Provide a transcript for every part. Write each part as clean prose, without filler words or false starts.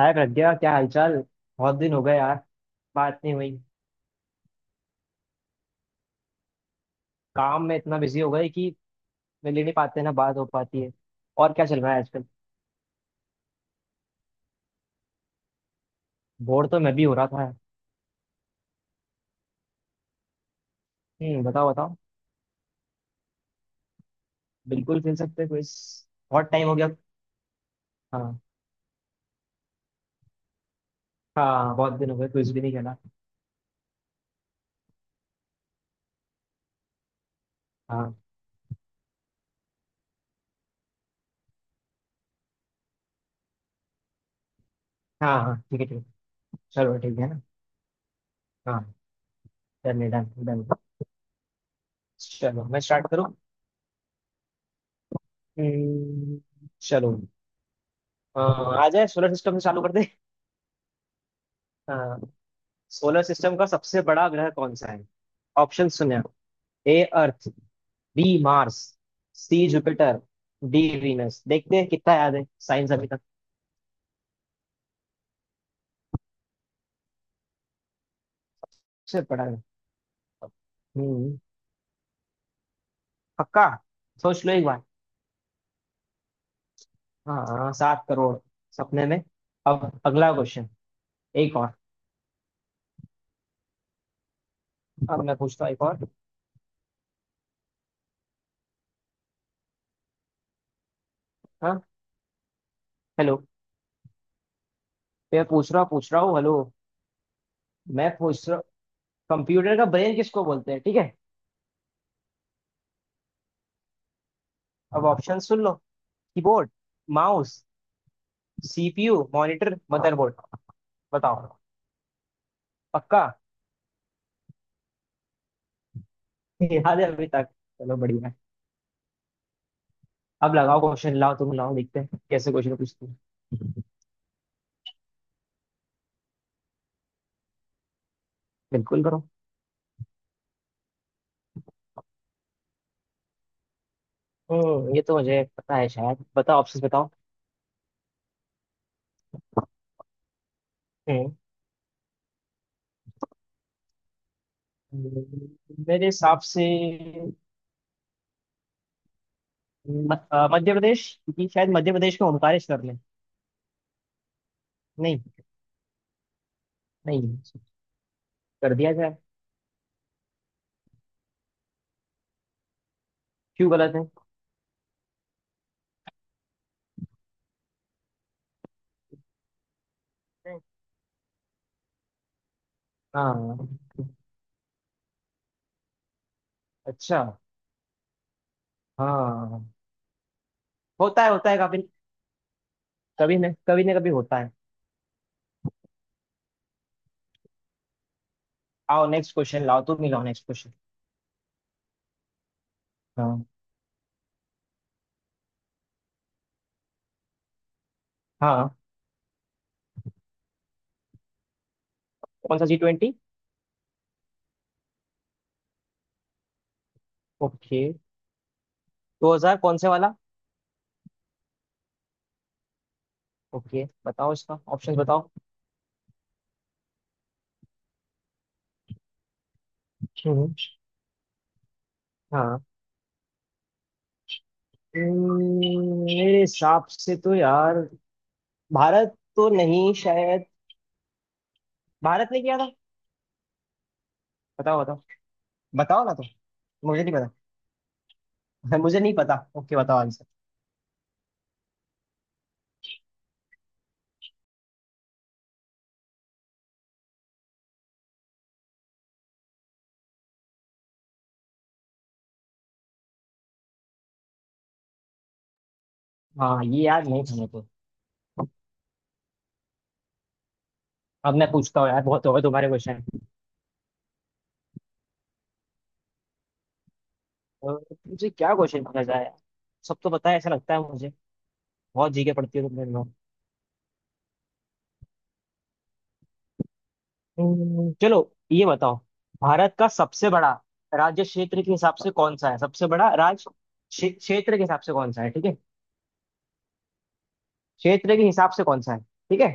हाय प्रज्ञा, क्या हालचाल। बहुत दिन हो गए यार। बात नहीं हुई। काम में इतना बिजी हो गए कि मिल ही नहीं पाते ना बात हो पाती है। और क्या चल रहा है आजकल? बोर तो मैं भी हो रहा था। बताओ बताओ। बिल्कुल खेल सकते हैं क्विज। बहुत टाइम हो गया। हाँ। हाँ, बहुत दिन हो गए क्विज भी नहीं खेला। हाँ। हाँ हाँ, ठीक है ठीक है। चलो ठीक है ना। हाँ। Done done done. चलो मैं स्टार्ट करूँ। हम्म, चलो, आ जाए सोलर सिस्टम से चालू कर दे। हाँ। सोलर सिस्टम का सबसे बड़ा ग्रह कौन सा है? ऑप्शन सुने। A Earth, B Mars, C Jupiter, D Venus. देखते हैं कितना याद है साइंस अभी तक से पढ़ा है। हम्म। पक्का? सोच लो एक बार। हाँ, 7 करोड़, सपने में। अब अगला क्वेश्चन, एक और। अब मैं पूछता हूँ एक और। हाँ। हेलो। मैं पूछ रहा हूँ। हेलो, मैं पूछ रहा। कंप्यूटर का ब्रेन किसको बोलते हैं? ठीक है, अब ऑप्शन सुन लो। Keyboard, mouse, CPU, monitor, motherboard. बताओ। पक्का? याद है अभी तक। चलो बढ़िया। अब लगाओ क्वेश्चन, लाओ तुम लाओ, देखते हैं कैसे क्वेश्चन पूछते हैं। बिल्कुल करो। ये तो मुझे पता है शायद, बताओ ऑप्शन बताओ। हम्म हम्म, मेरे हिसाब से, मध्य प्रदेश क्योंकि शायद मध्य प्रदेश में ओमकारेश्वर ने, नहीं। नहीं, कर दिया जाए। क्यों गलत है? हम्म। हाँ। अच्छा। हाँ। होता है, होता है कभी। कभी न कभी न कभी होता है। आओ नेक्स्ट क्वेश्चन लाओ, तुम ही लाओ नेक्स्ट क्वेश्चन। हाँ। हाँ। कौन सा G20? ओके। दो हजार कौन से वाला? ओके बताओ, इसका ऑप्शन बताओ। हम्म, हाँ। मेरे हिसाब से तो यार भारत तो नहीं शायद, भारत ने किया था। बताओ बताओ। बताओ ना तुम। मुझे नहीं पता। मुझे नहीं पता, ओके बताओ आंसर। हाँ, ये यार नहीं था मेरे को। अब मैं पूछता हूँ यार, बहुत हो गए तुम्हारे क्वेश्चन। मुझे क्या क्वेश्चन पूछा जाए यार? सब तो पता है ऐसा लगता है मुझे। बहुत जी के पड़ती है तुम मेरे को। चलो ये बताओ। भारत का सबसे बड़ा राज्य, क्षेत्र के हिसाब से कौन सा है, सबसे बड़ा राज्य? क्षेत्र के हिसाब से कौन सा है ठीक है? क्षेत्र के हिसाब से कौन सा है ठीक है?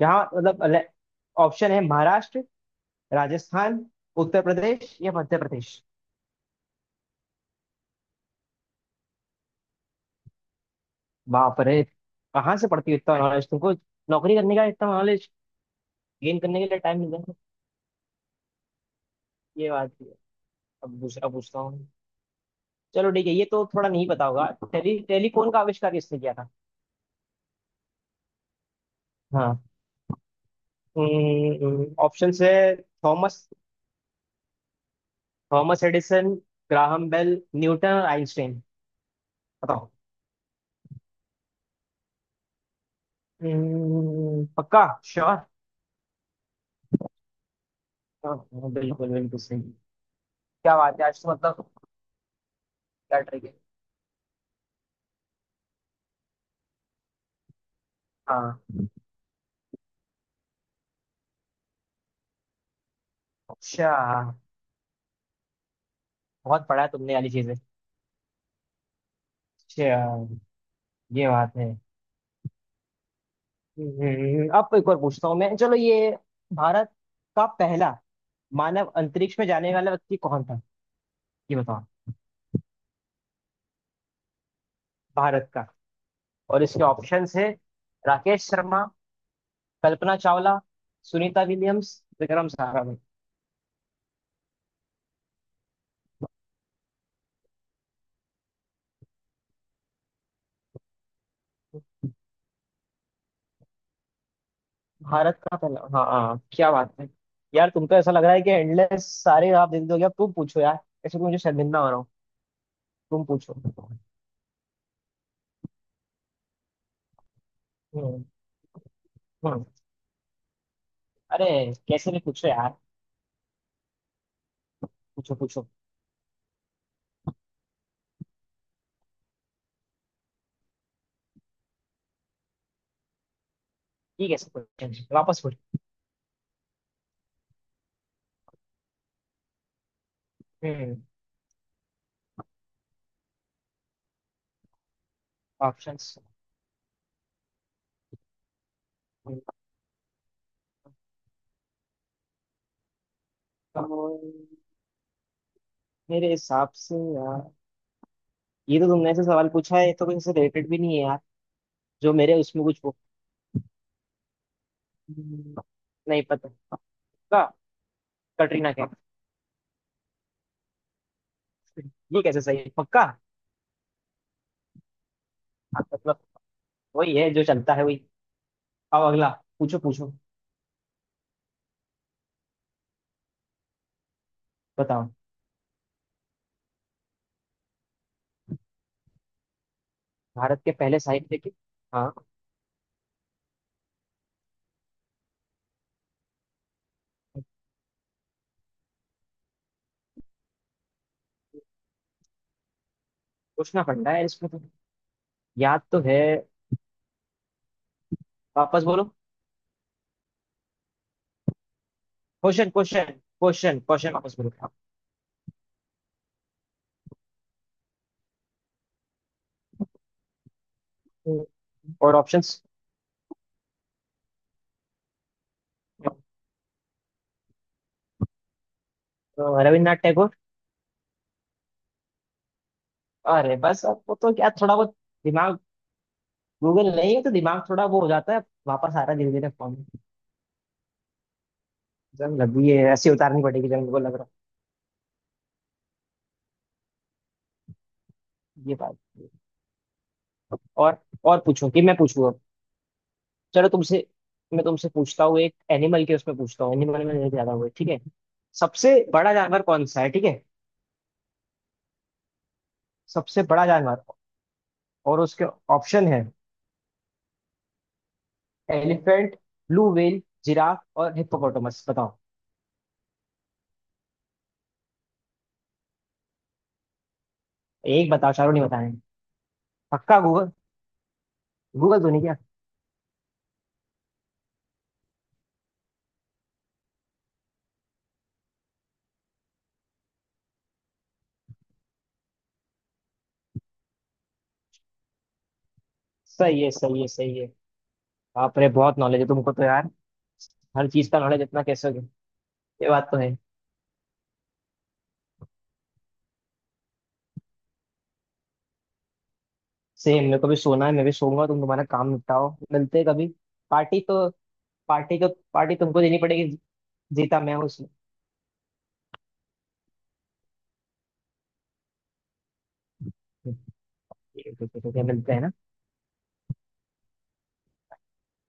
जहाँ मतलब, ऑप्शन है महाराष्ट्र, राजस्थान, उत्तर प्रदेश या मध्य प्रदेश। बाप रे, कहाँ से पढ़ती हो इतना नॉलेज तुमको। नौकरी करने का इतना नॉलेज गेन करने के लिए टाइम मिल जाएगा। ये बात भी है। अब दूसरा पूछता हूँ। चलो ठीक है ये तो थोड़ा नहीं पता होगा। टेलीफोन का आविष्कार किसने किया था? हाँ। ऑप्शन है Thomas Thomas Edison, Graham Bell, Newton, Einstein. बताओ। पक्का श्योर? हाँ हाँ, बिल्कुल बिल्कुल सही। क्या बात है आज तो, मतलब क्या ट्रिक है। हाँ। अच्छा। बहुत पढ़ा है तुमने वाली चीजें। अच्छा। ये बात है। अब एक और पूछता हूँ मैं। चलो ये, भारत का पहला मानव अंतरिक्ष में जाने वाला व्यक्ति कौन था, ये बताओ। भारत का। और इसके ऑप्शंस है राकेश शर्मा, कल्पना चावला, सुनीता विलियम्स, विक्रम साराभाई। भारत का पहला, हाँ हाँ क्या बात है। यार तुमको ऐसा लग रहा है कि एंडलेस सारे आप देख दोगे, अब तुम पूछो यार। ऐसे तो मुझे शर्मिंदा हो रहा हूँ। तुम पूछो। हम्म। हम्म। अरे, कैसे भी पूछो यार। पूछो पूछो। ठीक है सब question है, वापस पूछो। हम्म ऑप्शंस। मेरे हिसाब से यार, ये तो तुमने ऐसे सवाल पूछा है ये तो किसी से रिलेटेड भी नहीं है यार, जो मेरे उसमें कुछ हो। हम्म, नहीं पता। पक्का, कटरीना कैफ। ये कैसे सही है? पक्का हाँ, मतलब वही है जो चलता है वही। अब अगला, पूछो पूछो। बताओ भारत के पहले साहित्य के। हाँ। पूछना पड़ता है इसमें तो। याद तो है, वापस बोलो। क्वेश्चन क्वेश्चन क्वेश्चन क्वेश्चन, वापस बोलो। हम्म, और ऑप्शंस? रविन्द्रनाथ टैगोर। अरे बस, अब वो तो क्या थोड़ा बहुत दिमाग। गूगल नहीं है तो दिमाग थोड़ा वो हो जाता है, वापस आ रहा है धीरे धीरे फॉर्म। जंग लग गई है? ऐसी उतारनी पड़ेगी जंग को, लग रहा है ये बात। और पूछो कि मैं पूछूँ। चलो तुमसे, मैं तुमसे पूछता हूँ। एक एनिमल के उसमें पूछता हूँ, एनिमल में लेके ज्यादा हुए ठीक है। सबसे बड़ा जानवर कौन सा है ठीक है? सबसे बड़ा जानवर, और उसके ऑप्शन है एलिफेंट, ब्लू व्हेल, जिराफ और हिप्पोपोटामस। बताओ। एक बताओ चारों नहीं बताने। पक्का गूगल, गूगल तो नहीं क्या? सही है सही है सही है। आप रे, बहुत नॉलेज है तुमको तो यार। हर चीज का नॉलेज इतना कैसे हो गया? ये बात तो है। सेम, मेरे को भी सोना है, मैं भी सोऊंगा। तुम्हारा काम निपटाओ, मिलते हैं कभी। पार्टी तो, पार्टी तो, पार्टी तुमको देनी पड़ेगी। जीता मैं हूँ उसमें। क्या, मिलते हैं ना।